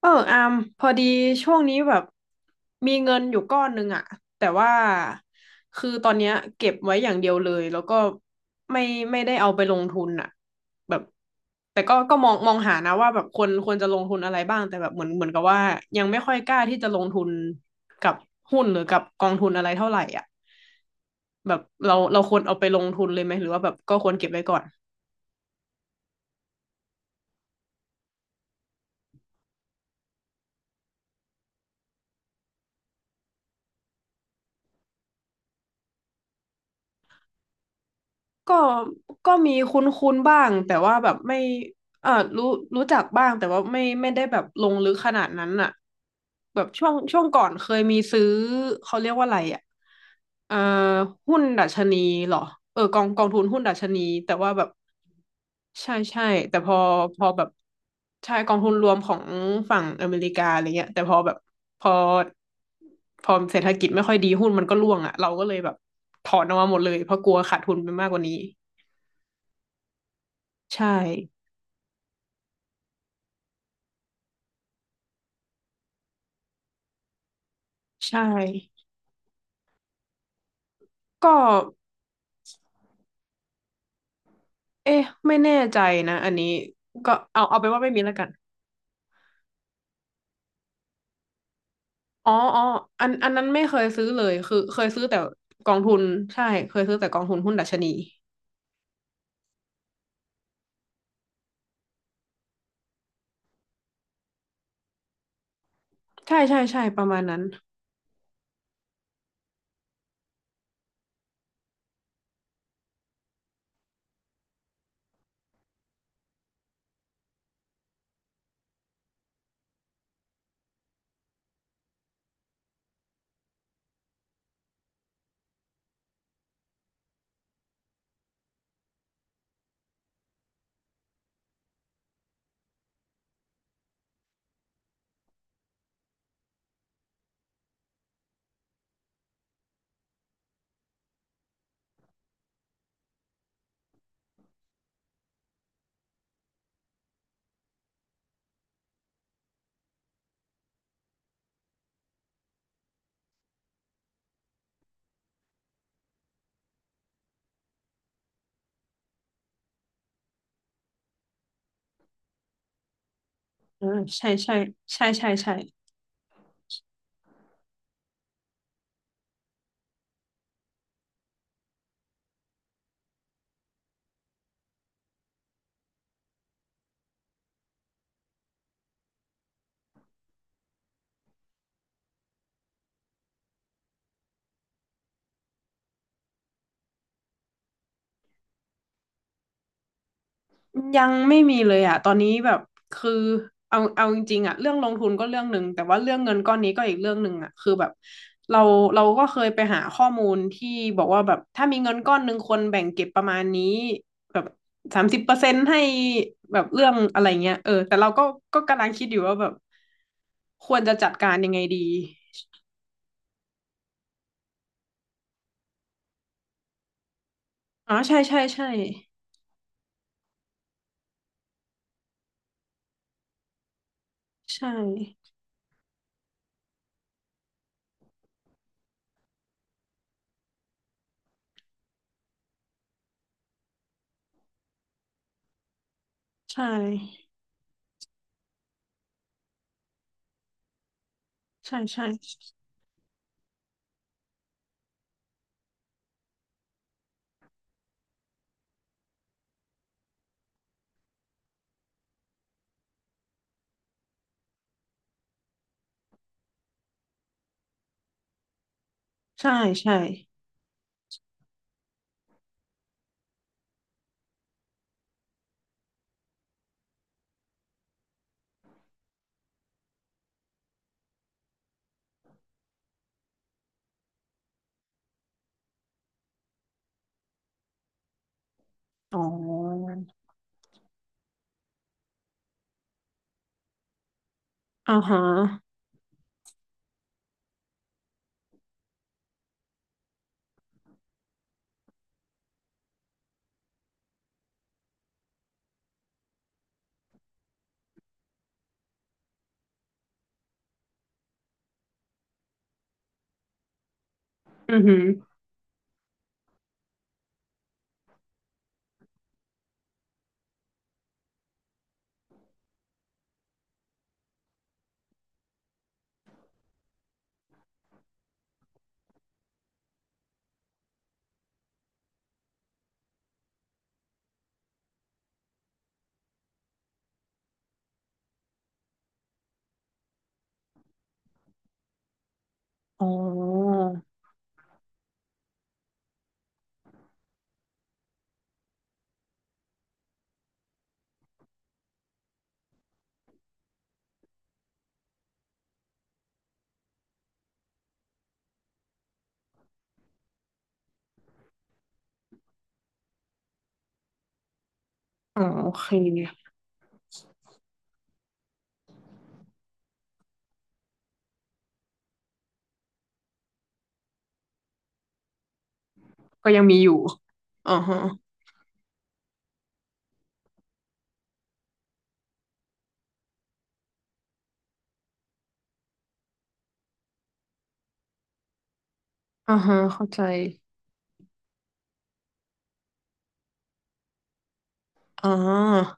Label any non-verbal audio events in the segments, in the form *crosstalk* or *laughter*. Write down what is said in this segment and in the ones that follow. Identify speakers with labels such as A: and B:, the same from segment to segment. A: อามพอดีช่วงนี้แบบมีเงินอยู่ก้อนหนึ่งอะแต่ว่าคือตอนเนี้ยเก็บไว้อย่างเดียวเลยแล้วก็ไม่ไม่ได้เอาไปลงทุนอะแบบแต่ก็มองหานะว่าแบบควรจะลงทุนอะไรบ้างแต่แบบเหมือนกับว่ายังไม่ค่อยกล้าที่จะลงทุนกับหุ้นหรือกับกองทุนอะไรเท่าไหร่อ่ะแบบเราควรเอาไปลงทุนเลยไหมหรือว่าแบบก็ควรเก็บไว้ก่อน ก็ก็มีคุ้นๆบ้างแต่ว่าแบบไม่เออรู้รู้จักบ้างแต่ว่าไม่ได้แบบลงลึกขนาดนั้นอะแบบช่วงก่อนเคยมีซื้อเขาเรียกว่าอะไรอะเอ่อหุ้นดัชนีเหรอกองทุนหุ้นดัชนีแต่ว่าแบบใช่ใช่แต่พอพอแบบใช่กองทุนรวมของฝั่งอเมริกาอะไรเงี้ยแต่พอแบบพอพอเศรษฐกิจไม่ค่อยดีหุ้นมันก็ร่วงอะเราก็เลยแบบถอนออกมาหมดเลยเพราะกลัวขาดทุนไปมากกว่านี้ ใช่ใช่ก็เอ๊ะไม่แน่ใจนะอันนี้ก็เอาไปนว่าไม่มีแล้วกันอ๋ออ๋ออันนั้นไม่เคยซื้อเลยคือเคยซื้อแต่กองทุนใช่เคยซื้อแต่กองทุนหุ้นดัชนีใช่ใช่ใช่ประมาณนั้นอ่าใช่ใช่ใช่ใช่ใช่ ยังไม่มีเลยอ่ะตอนนี้แบบคือเอาจริงๆอ่ะเรื่องลงทุนก็เรื่องหนึ่งแต่ว่าเรื่องเงินก้อนนี้ก็อีกเรื่องหนึ่งอ่ะคือแบบเราเราก็เคยไปหาข้อมูลที่บอกว่าแบบถ้ามีเงินก้อนหนึ่งคนแบ่งเก็บประมาณนี้แบบ30%ให้แบบเรื่องอะไรเงี้ยเออแต่เราก็กำลังคิดอยู่ว่าแบบควรจะจัดการยังไงดีอ๋อใช่ใช่ใช่ใช่ใช่ใช่ใช่ใช่ใช่ใช่อ๋ออ่าฮะ อือหืออ๋ออ๋อโอเค ก็ยังมีอยู่อ่าฮะอ่าฮะเข้าใจอ่า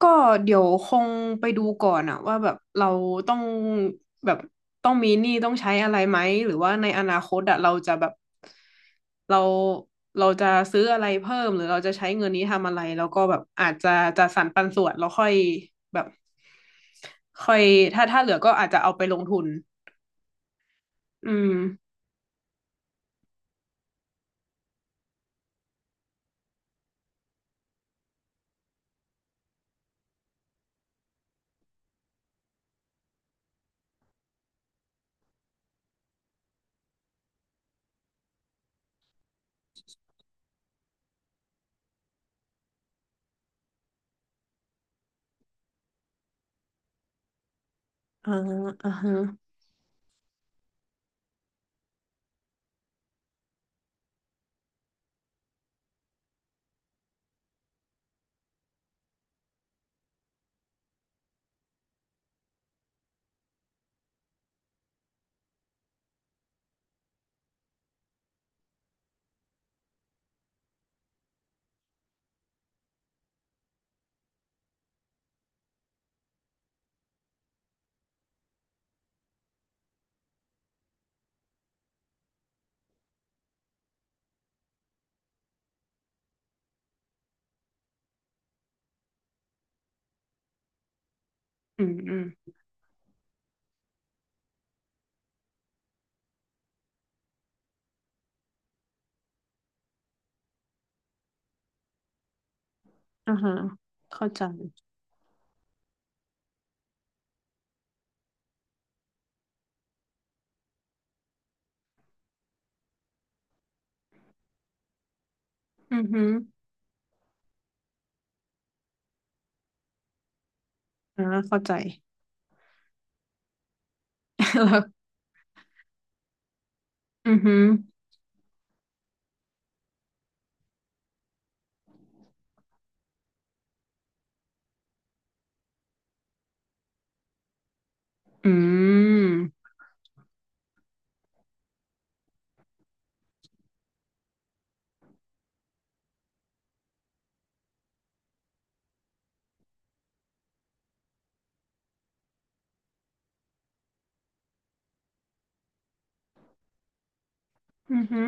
A: ก็เดี๋ยวคงไปดูก่อนอะว่าแบบเราต้องแบบต้องมีหนี้ต้องใช้อะไรไหมหรือว่าในอนาคตอะเราจะแบบเราเราจะซื้ออะไรเพิ่มหรือเราจะใช้เงินนี้ทำอะไรแล้วก็แบบอาจจะจะสรรปันส่วนแล้วแบบค่อยถ้าเหลือก็อาจจะเอาไปลงทุนอืมอ่าอ่าฮะ อืมอืมอ่าฮะเข้าใจอือฮึอ่าเข้าใจ *laughs* แล้วอือฮึอืมอือฮึ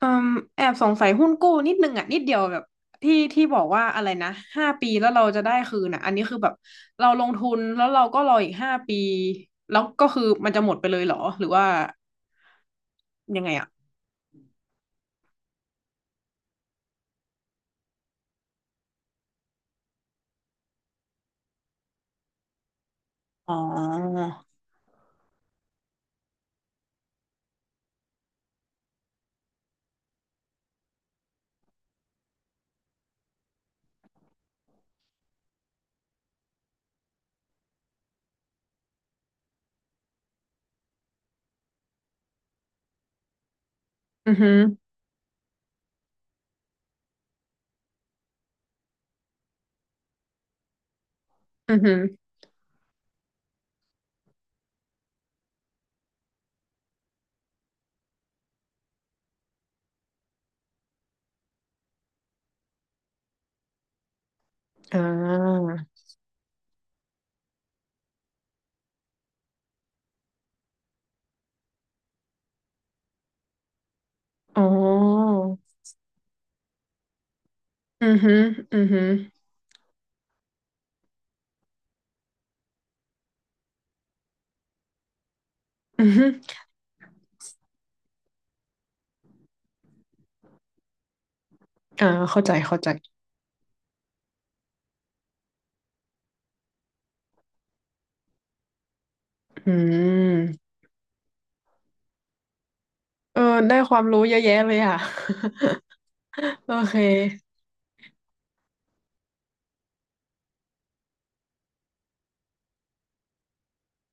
A: อืมแอบสงสัยหุ้นกู้นิดนึงอ่ะนิดเดียวแบบที่ที่บอกว่าอะไรนะห้าปีแล้วเราจะได้คืนอ่ะอันนี้คือแบบเราลงทุนแล้วเราก็รออีกห้าปีแล้วก็คือมันจะหมดไปเลยเหรอหรือว่ายังไงอ่ะอ๋ออือฮึอือฮึอ่าอ๋ออือฮึอือฮึอือฮึอ่าเข้าใจเข้าใจ อืมเออได้ความรู้เยอะแยะเลยอ่ะ *laughs* โอเค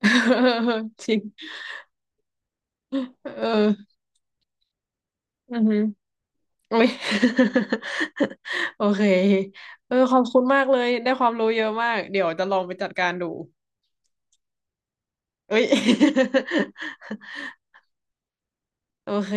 A: *laughs* เออจริงเอออือหืออุ๊ย *laughs* โอเคเออขอบคุณมากเลยได้ความรู้เยอะมากเดี๋ยวจะลองไปจัดการดูเอ้ย *laughs* โอเค